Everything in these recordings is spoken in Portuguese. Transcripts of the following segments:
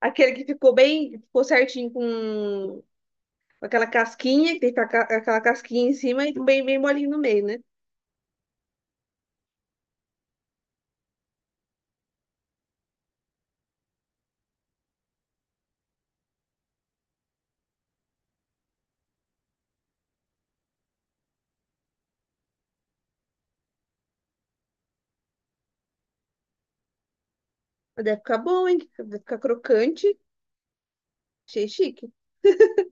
Aquele que ficou bem, ficou certinho com aquela casquinha, que tem que ficar aquela casquinha em cima e bem, bem molinho no meio, né? Mas deve ficar bom, hein? Deve ficar crocante. Achei chique.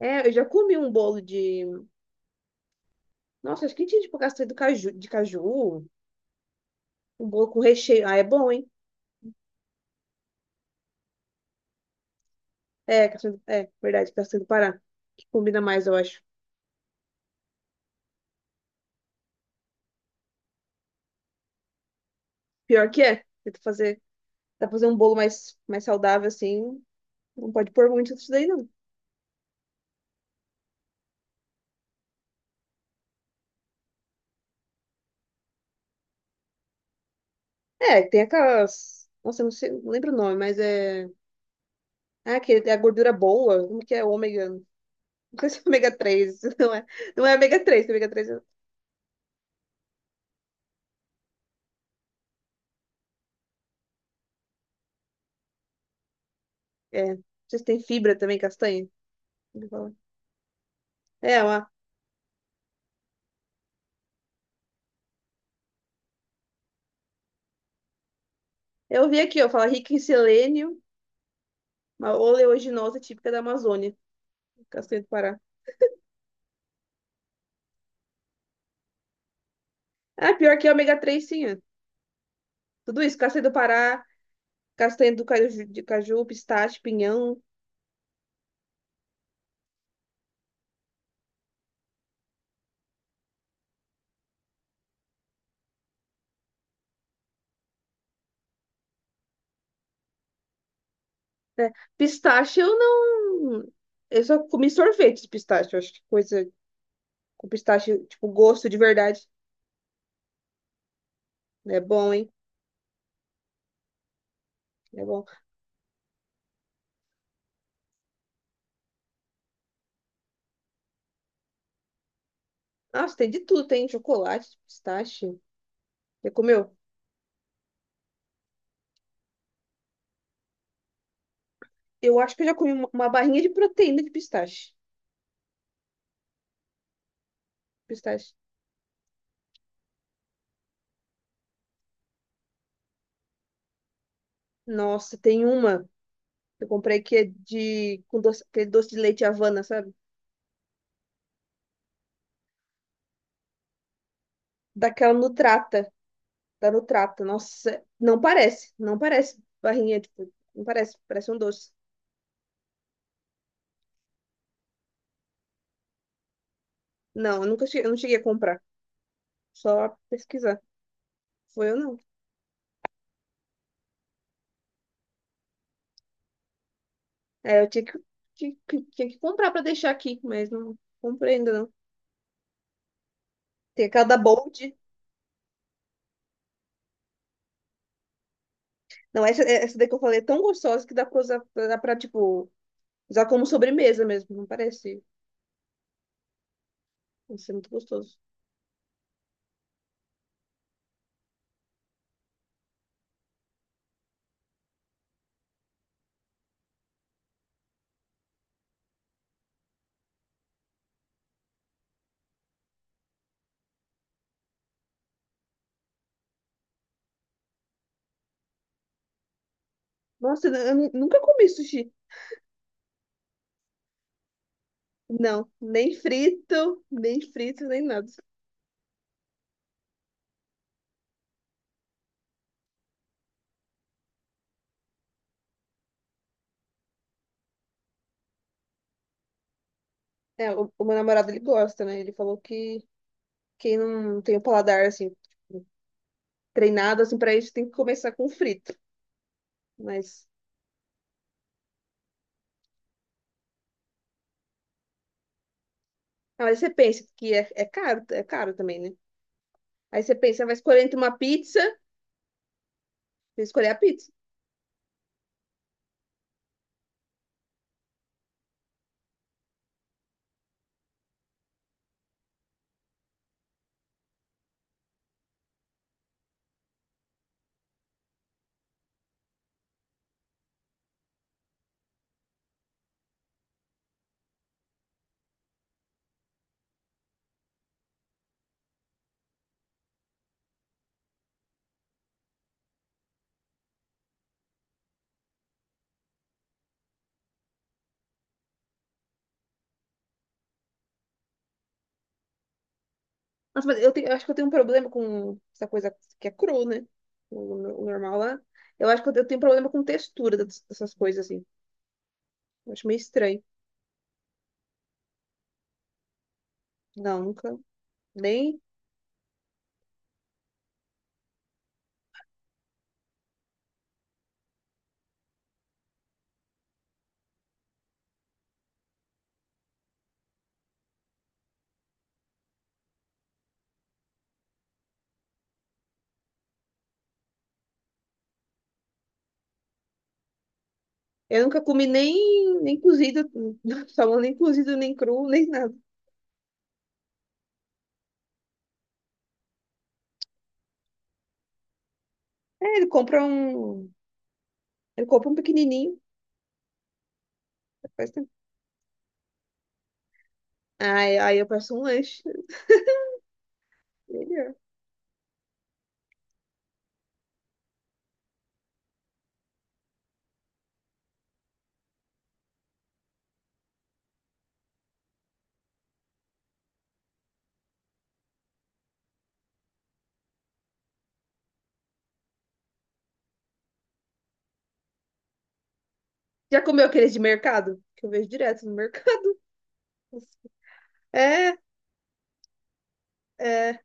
É, eu já comi um bolo de. Nossa, acho que tinha tipo castanha do caju, de caju. Um bolo com recheio. Ah, é bom, hein? É, castanha é verdade, castanha do Pará. Que combina mais, eu acho. Pior que é. Tenta fazer, tá fazer um bolo mais saudável, assim. Não pode pôr muito disso daí, não. É, tem aquelas. Nossa, eu não sei, não lembro o nome, mas é. Ah, que é a gordura boa, como que é ômega? Não sei se é ômega três, não é ômega 3, que ômega três é... é. Vocês têm fibra também, castanha? Ele fala. É, eu vi aqui, ó, fala rica em selênio, uma oleaginosa típica da Amazônia, castanha do Pará. Ah, pior que é ômega 3, sim, é. Tudo isso, castanha do Pará, castanha do caju, de caju, pistache, pinhão, né? Pistache eu não... Eu só comi sorvete de pistache, eu acho que coisa com pistache, tipo, gosto de verdade. É bom, hein? É bom. Nossa, tem de tudo, tem chocolate, pistache. Já comeu? Eu acho que eu já comi uma barrinha de proteína de pistache. Pistache. Nossa, tem uma que eu comprei que é de com doce, aquele doce de leite Havana, sabe? Daquela Nutrata, da Nutrata. Nossa, não parece, não parece barrinha, tipo, não parece, parece um doce. Não, eu nunca cheguei, eu não cheguei a comprar, só pesquisar. Foi eu não. É, eu tinha que, tinha que comprar pra deixar aqui, mas não comprei ainda não. Tem aquela da Bold. Não, essa daí que eu falei é tão gostosa que dá pra usar, dá pra, tipo, usar como sobremesa mesmo, não parece? Isso é muito gostoso. Nossa, eu nunca comi sushi. Não, nem frito, nem frito, nem nada. É, o meu namorado, ele gosta, né? Ele falou que quem não tem o paladar, assim, tipo, treinado, assim, pra isso tem que começar com frito. Mas, mas você pensa que é caro, é caro também, né? Aí você pensa, vai escolher entre uma pizza, vai escolher a pizza. Nossa, mas eu acho que eu tenho um problema com essa coisa que é cru, né? O, no- o normal lá. Eu acho que eu tenho problema com textura dessas coisas, assim. Eu acho meio estranho. Não, nunca. Nem. Eu nunca comi nem cozido, salmão nem cozido, nem cru, nem nada. É, ele compra um. Ele compra um pequenininho. Faz tempo. Aí eu peço um lanche. Melhor. Já comeu aqueles de mercado? Que eu vejo direto no mercado. É, é.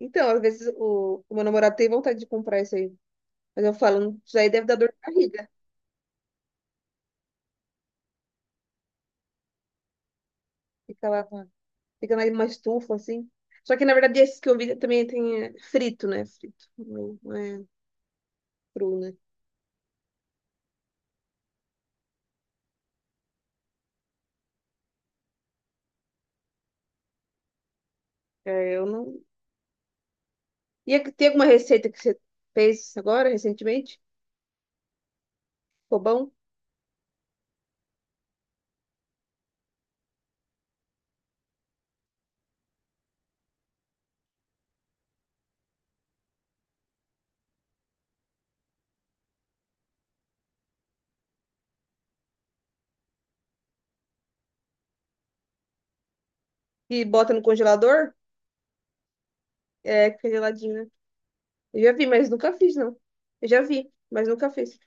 Então, às vezes o meu namorado tem vontade de comprar esse aí. Mas eu falo, isso aí deve dar dor de barriga. Fica lá, fica na uma estufa, assim. Só que, na verdade, esses que eu vi também tem é, frito, né? Frito, não é cru, né? É, eu não... E é que tem alguma receita que você fez agora, recentemente? Ficou bom? E bota no congelador? É, fica geladinho, né? Eu já vi, mas nunca fiz, não. Eu já vi, mas nunca fiz.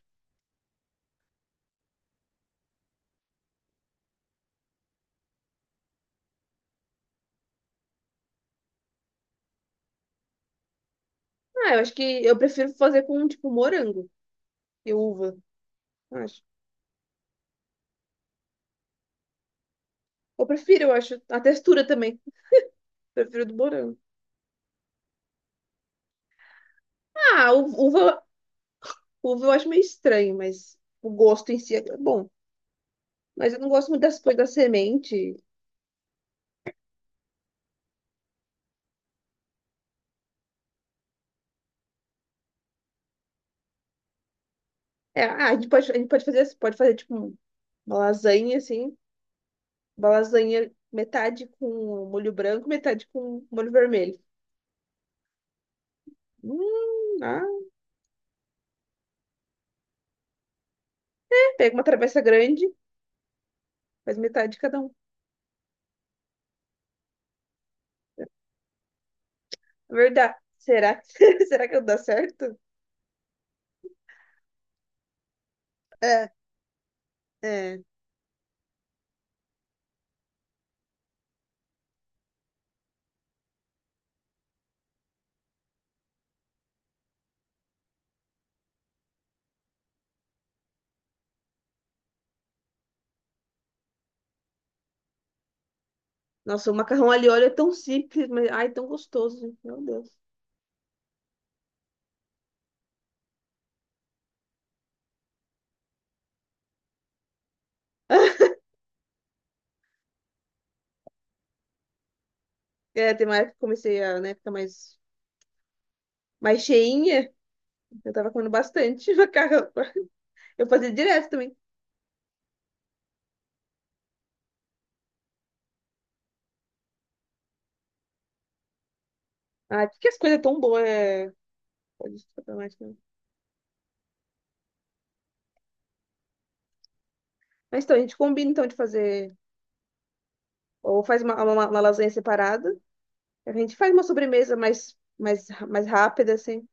Ah, eu acho que eu prefiro fazer com, tipo, morango e uva, eu acho. Eu prefiro, eu acho. A textura também. Prefiro do morango. Ah, Uva eu acho meio estranho, mas o gosto em si é bom. Mas eu não gosto muito das coisas da semente. É, ah, a gente pode fazer tipo uma lasanha assim, uma lasanha metade com molho branco, metade com molho vermelho. Hum, ah, pega uma travessa grande, faz metade de cada um. É verdade. Será que será que dá certo? É, é. Nossa, o macarrão ali óleo é tão simples, mas ai, tão gostoso, gente. Meu Deus. É, tem uma época que comecei a, né, ficar mais cheinha, eu tava comendo bastante macarrão. Eu fazia direto também. Ah, por que as coisas tão boas é... pode ser problemática, né? Mas então, a gente combina então de fazer. Ou faz uma lasanha separada. A gente faz uma sobremesa mais rápida, assim.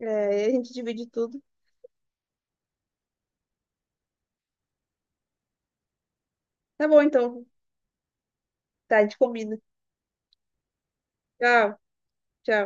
É, e a gente divide tudo. Tá bom, então. Tá, a gente combina. Tchau, tchau.